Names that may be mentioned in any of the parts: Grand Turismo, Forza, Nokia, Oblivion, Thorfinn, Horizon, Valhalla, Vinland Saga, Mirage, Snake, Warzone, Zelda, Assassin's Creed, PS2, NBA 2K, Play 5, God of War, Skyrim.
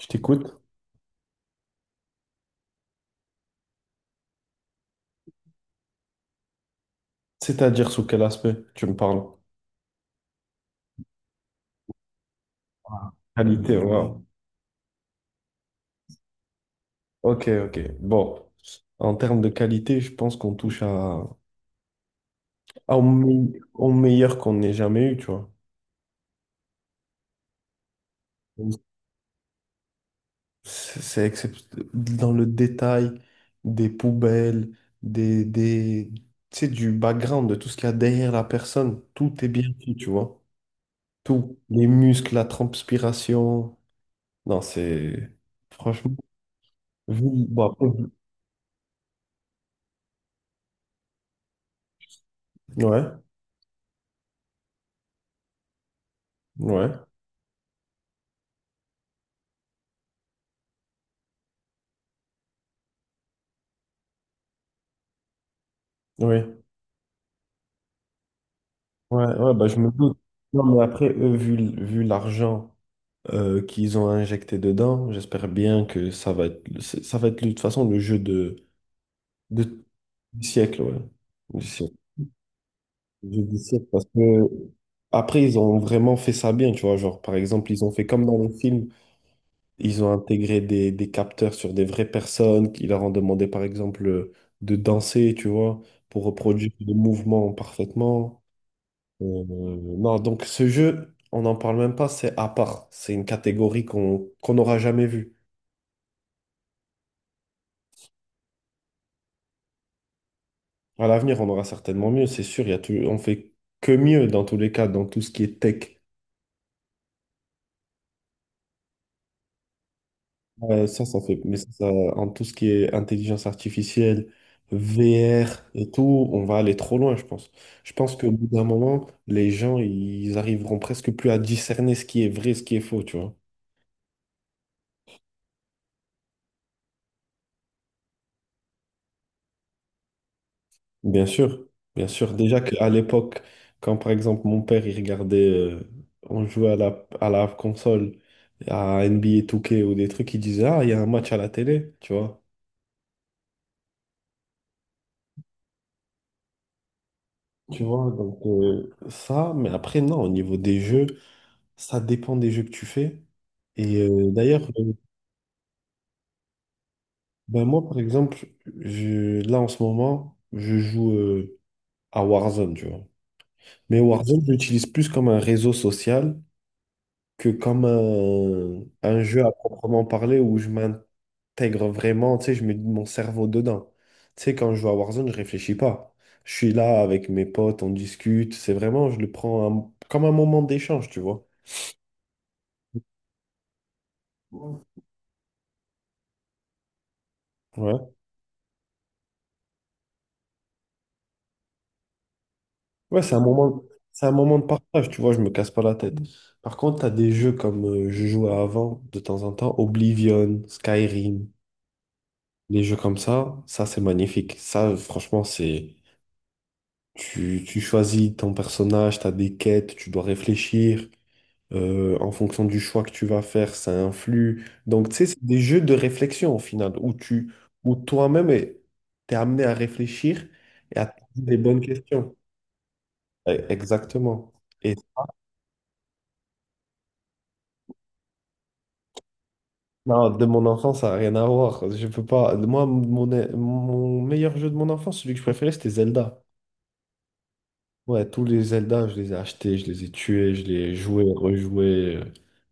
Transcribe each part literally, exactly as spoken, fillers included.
Je t'écoute. C'est-à-dire sous quel aspect tu me parles? Qualité, wow. Ok, ok. Bon, en termes de qualité, je pense qu'on touche à, à au, me- au meilleur qu'on n'ait jamais eu, tu vois. C'est c'est excep- Dans le détail des poubelles, des, des, tu sais, du background, de tout ce qu'il y a derrière la personne. Tout est bien fait, tu vois. Tout. Les muscles, la transpiration. Non, c'est... Franchement. vu... Bah, ouais, ouais, ouais. Oui. Ouais, ouais, bah, je me doute. Non, mais après, eux, vu, l- vu l'argent euh, qu'ils ont injecté dedans, j'espère bien que ça va être, le- c'est- ça va être de toute façon le jeu de, de, du siècle, ouais. Du siècle. Le jeu du siècle, parce que après, ils ont vraiment fait ça bien, tu vois. Genre, par exemple, ils ont fait comme dans les films, ils ont intégré des, des capteurs sur des vraies personnes qui leur ont demandé, par exemple, euh, de danser, tu vois, pour reproduire le mouvement parfaitement. Euh, non, donc ce jeu, on n'en parle même pas, c'est à part. C'est une catégorie qu'on qu'on n'aura jamais vue. À l'avenir, on aura certainement mieux, c'est sûr. Il y a tout, on fait que mieux dans tous les cas, dans tout ce qui est tech. Euh, ça, ça fait, mais ça, ça- En tout ce qui est intelligence artificielle, V R et tout, on va aller trop loin, je pense. Je pense qu'au bout d'un moment, les gens, ils arriveront presque plus à discerner ce qui est vrai, ce qui est faux, tu vois. Bien sûr, bien sûr. Déjà qu'à l'époque, quand par exemple mon père il regardait, euh, on jouait à la, à la console, à N B A deux K ou des trucs, il disait Ah, il y a un match à la télé, tu vois. Tu vois, donc euh, ça, mais après, non, au niveau des jeux, ça dépend des jeux que tu fais. Et euh, d'ailleurs, euh, ben moi par exemple, je, là en ce moment, je joue euh, à Warzone, tu vois. Mais Warzone, je l'utilise plus comme un réseau social que comme un, un jeu à proprement parler où je m'intègre vraiment, tu sais, je mets mon cerveau dedans. Tu sais, quand je joue à Warzone, je réfléchis pas. Je suis là avec mes potes, on discute. C'est vraiment, je le prends un- comme un moment d'échange, tu vois. Ouais. Ouais, c'est un moment, c'est un moment de partage, tu vois, je me casse pas la tête. Par contre, tu as des jeux comme euh, je jouais avant, de temps en temps, Oblivion, Skyrim, les jeux comme ça, ça c'est magnifique. Ça, franchement, c'est. Tu, tu choisis ton personnage, tu as des quêtes, tu dois réfléchir. Euh, en fonction du choix que tu vas faire, ça influe. Donc, tu sais, c'est des jeux de réflexion au final, où tu, où toi-même, est- t'es amené à réfléchir et à te poser des bonnes questions. Eh, exactement. Et non, de mon enfance, ça n'a rien à voir. Je peux pas. Moi, mon, mon meilleur jeu de mon enfance, celui que je préférais, c'était Zelda. Ouais, tous les Zelda, je les ai achetés, je les ai tués, je les ai joués, rejoués. euh,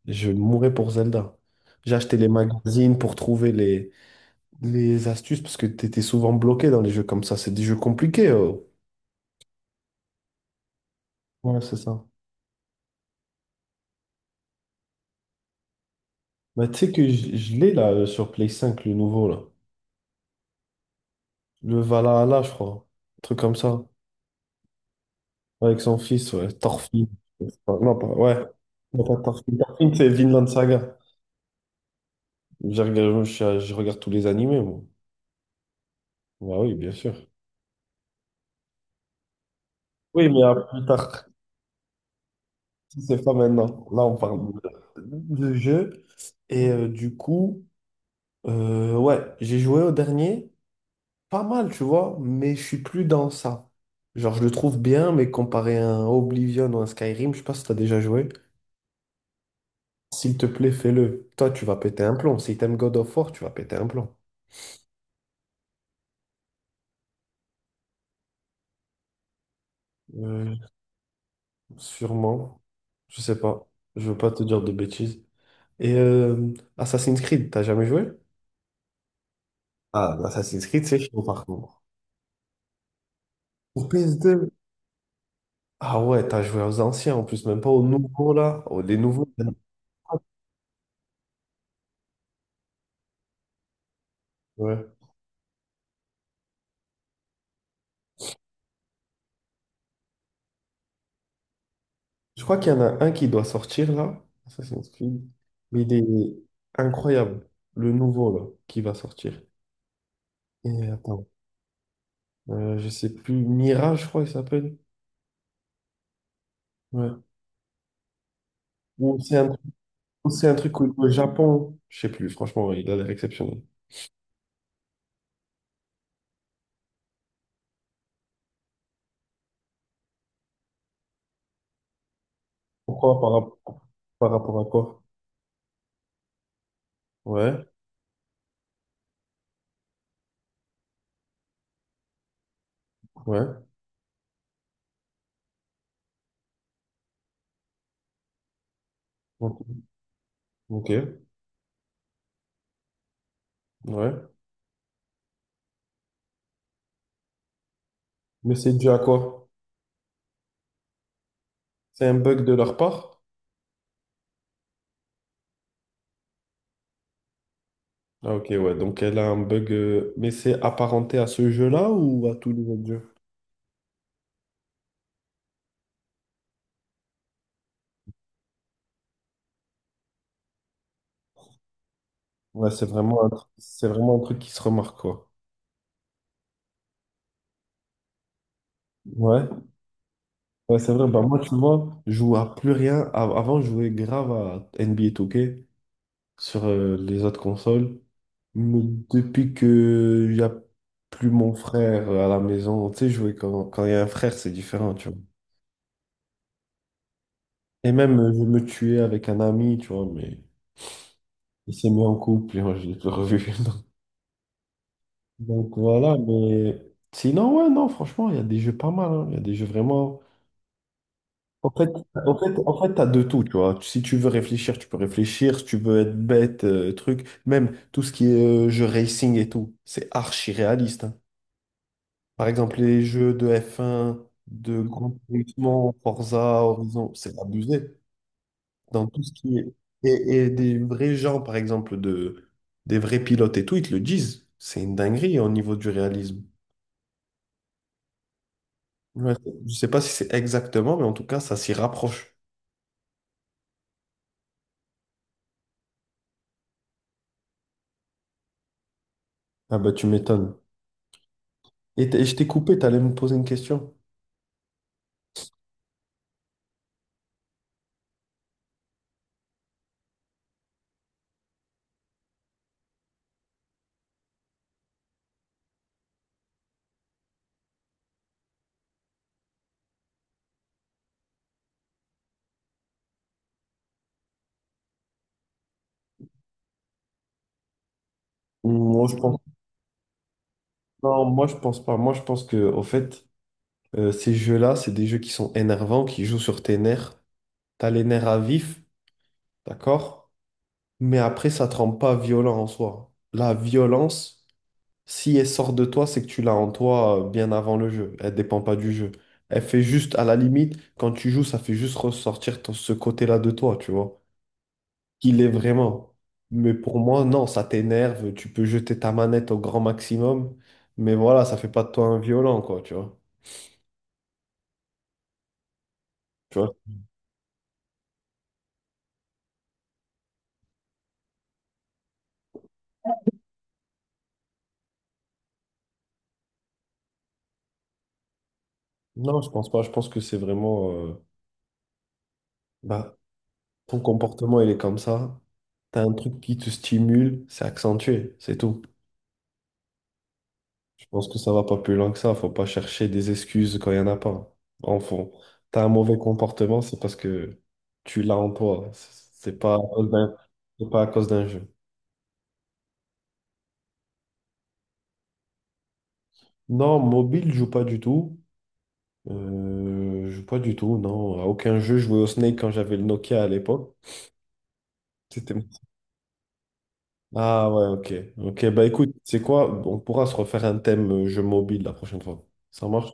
Je mourais pour Zelda. J'ai acheté les magazines pour trouver les, les astuces parce que t'étais souvent bloqué dans les jeux comme ça. C'est des jeux compliqués. Oh. Ouais, c'est ça. Mais tu sais que je, je l'ai là euh, sur Play cinq, le nouveau là. Le Valhalla, je crois. Un truc comme ça. Avec son fils, ouais. Thorfinn. Non, pas, ouais. Non, pas Thorfinn. Thorfinn, c'est Vinland Saga. Je regarde, je je regarde tous les animés, moi. Bah oui, bien sûr. Oui, mais à plus tard. Si c'est pas maintenant. Là, on parle de, de jeu. Et euh, du coup, euh, ouais, j'ai joué au dernier. Pas mal, tu vois, mais je suis plus dans ça. Genre, je le trouve bien, mais comparé à un Oblivion ou un Skyrim, je sais pas si t'as déjà joué. S'il te plaît, fais-le. Toi, tu vas péter un plomb. Si t'aimes God of War, tu vas péter un plomb. Euh, Sûrement. Je sais pas. Je veux pas te dire de bêtises. Et euh, Assassin's Creed, t'as jamais joué? Ah, Assassin's Creed, c'est chaud par contre. Pour P S deux? Ah ouais, t'as joué aux anciens en plus, même pas aux nouveaux là. Oh, les nouveaux, il y en a pas, ouais. Je crois qu'il y en a un qui doit sortir là, Assassin's Creed. Mais il est incroyable, le nouveau là, qui va sortir. Et attends, euh, je sais plus, Mirage, je crois qu'il s'appelle. Ouais. Ou c'est un, ou c'est un truc au au Japon, je sais plus, franchement, il a l'air exceptionnel. Pourquoi par, rap- par rapport à quoi? Ouais, ouais, ok, ok, ouais. Mais c'est dû à quoi? C'est un bug de leur part? Ah, ok, ouais, donc elle a un bug, euh, mais c'est apparenté à ce jeu-là ou à tous les autres jeux? Ouais, c'est vraiment un, tr- c'est vraiment un truc qui se remarque, quoi. Ouais, ouais, c'est vrai. Bah, moi, tu vois, je joue à plus rien. Av- Avant, je jouais grave à N B A deux K sur euh, les autres consoles. Mais depuis que il n'y a plus mon frère euh, à la maison, tu sais, jouer quand, quand il y a un frère, c'est différent, tu vois. Et même, euh, je me tuais avec un ami, tu vois, mais il s'est mis en couple et moi, je l'ai plus revu. Donc voilà, mais sinon, ouais, non, franchement, il y a des jeux pas mal. Hein. Il y a des jeux vraiment. En fait, en fait, en fait, t'as de tout, tu vois. Si tu veux réfléchir, tu peux réfléchir. Si tu veux être bête, euh, truc. Même tout ce qui est euh, jeu racing et tout, c'est archi réaliste. Hein. Par exemple, les jeux de f un de Grand Turismo, Forza, Horizon, c'est abusé. Dans tout ce qui est. Et, et des vrais gens, par exemple, de... des vrais pilotes et tout, ils te le disent. C'est une dinguerie au niveau du réalisme. Ouais, je sais pas si c'est exactement, mais en tout cas, ça s'y rapproche. Ah bah tu m'étonnes. Et, t- et je t'ai coupé, t'allais me poser une question. Moi, je pense... Non, moi, je pense pas. Moi, je pense que, au fait, euh, ces jeux-là, c'est des jeux qui sont énervants, qui jouent sur tes nerfs. T'as les nerfs à vif, d'accord? Mais après, ça te rend pas violent en soi. La violence, si elle sort de toi, c'est que tu l'as en toi euh, bien avant le jeu. Elle dépend pas du jeu. Elle fait juste, à la limite, quand tu joues, ça fait juste ressortir ton- ce côté-là de toi, tu vois, qu'il est vraiment. Mais pour moi, non, ça t'énerve, tu peux jeter ta manette au grand maximum, mais voilà, ça fait pas de toi un violent, quoi, tu vois. Tu vois? Non, je pense pas, je pense que c'est vraiment, euh, bah, ton comportement, il est comme ça, t'as un truc qui te stimule, c'est accentué, c'est tout. Je pense que ça va pas plus loin que ça, faut pas chercher des excuses quand il y en a pas. En fond, t'as un mauvais comportement, c'est parce que tu l'as en toi, c'est c'est pas à cause d'un- c'est pas à cause d'un jeu. Non, mobile, je joue pas du tout. Euh, je- pas du tout, non. À aucun jeu, je jouais au Snake quand j'avais le Nokia à l'époque. C'était... Ah ouais, ok. Ok, bah écoute, c'est quoi? On pourra se refaire un thème euh, jeu mobile la prochaine fois. Ça marche?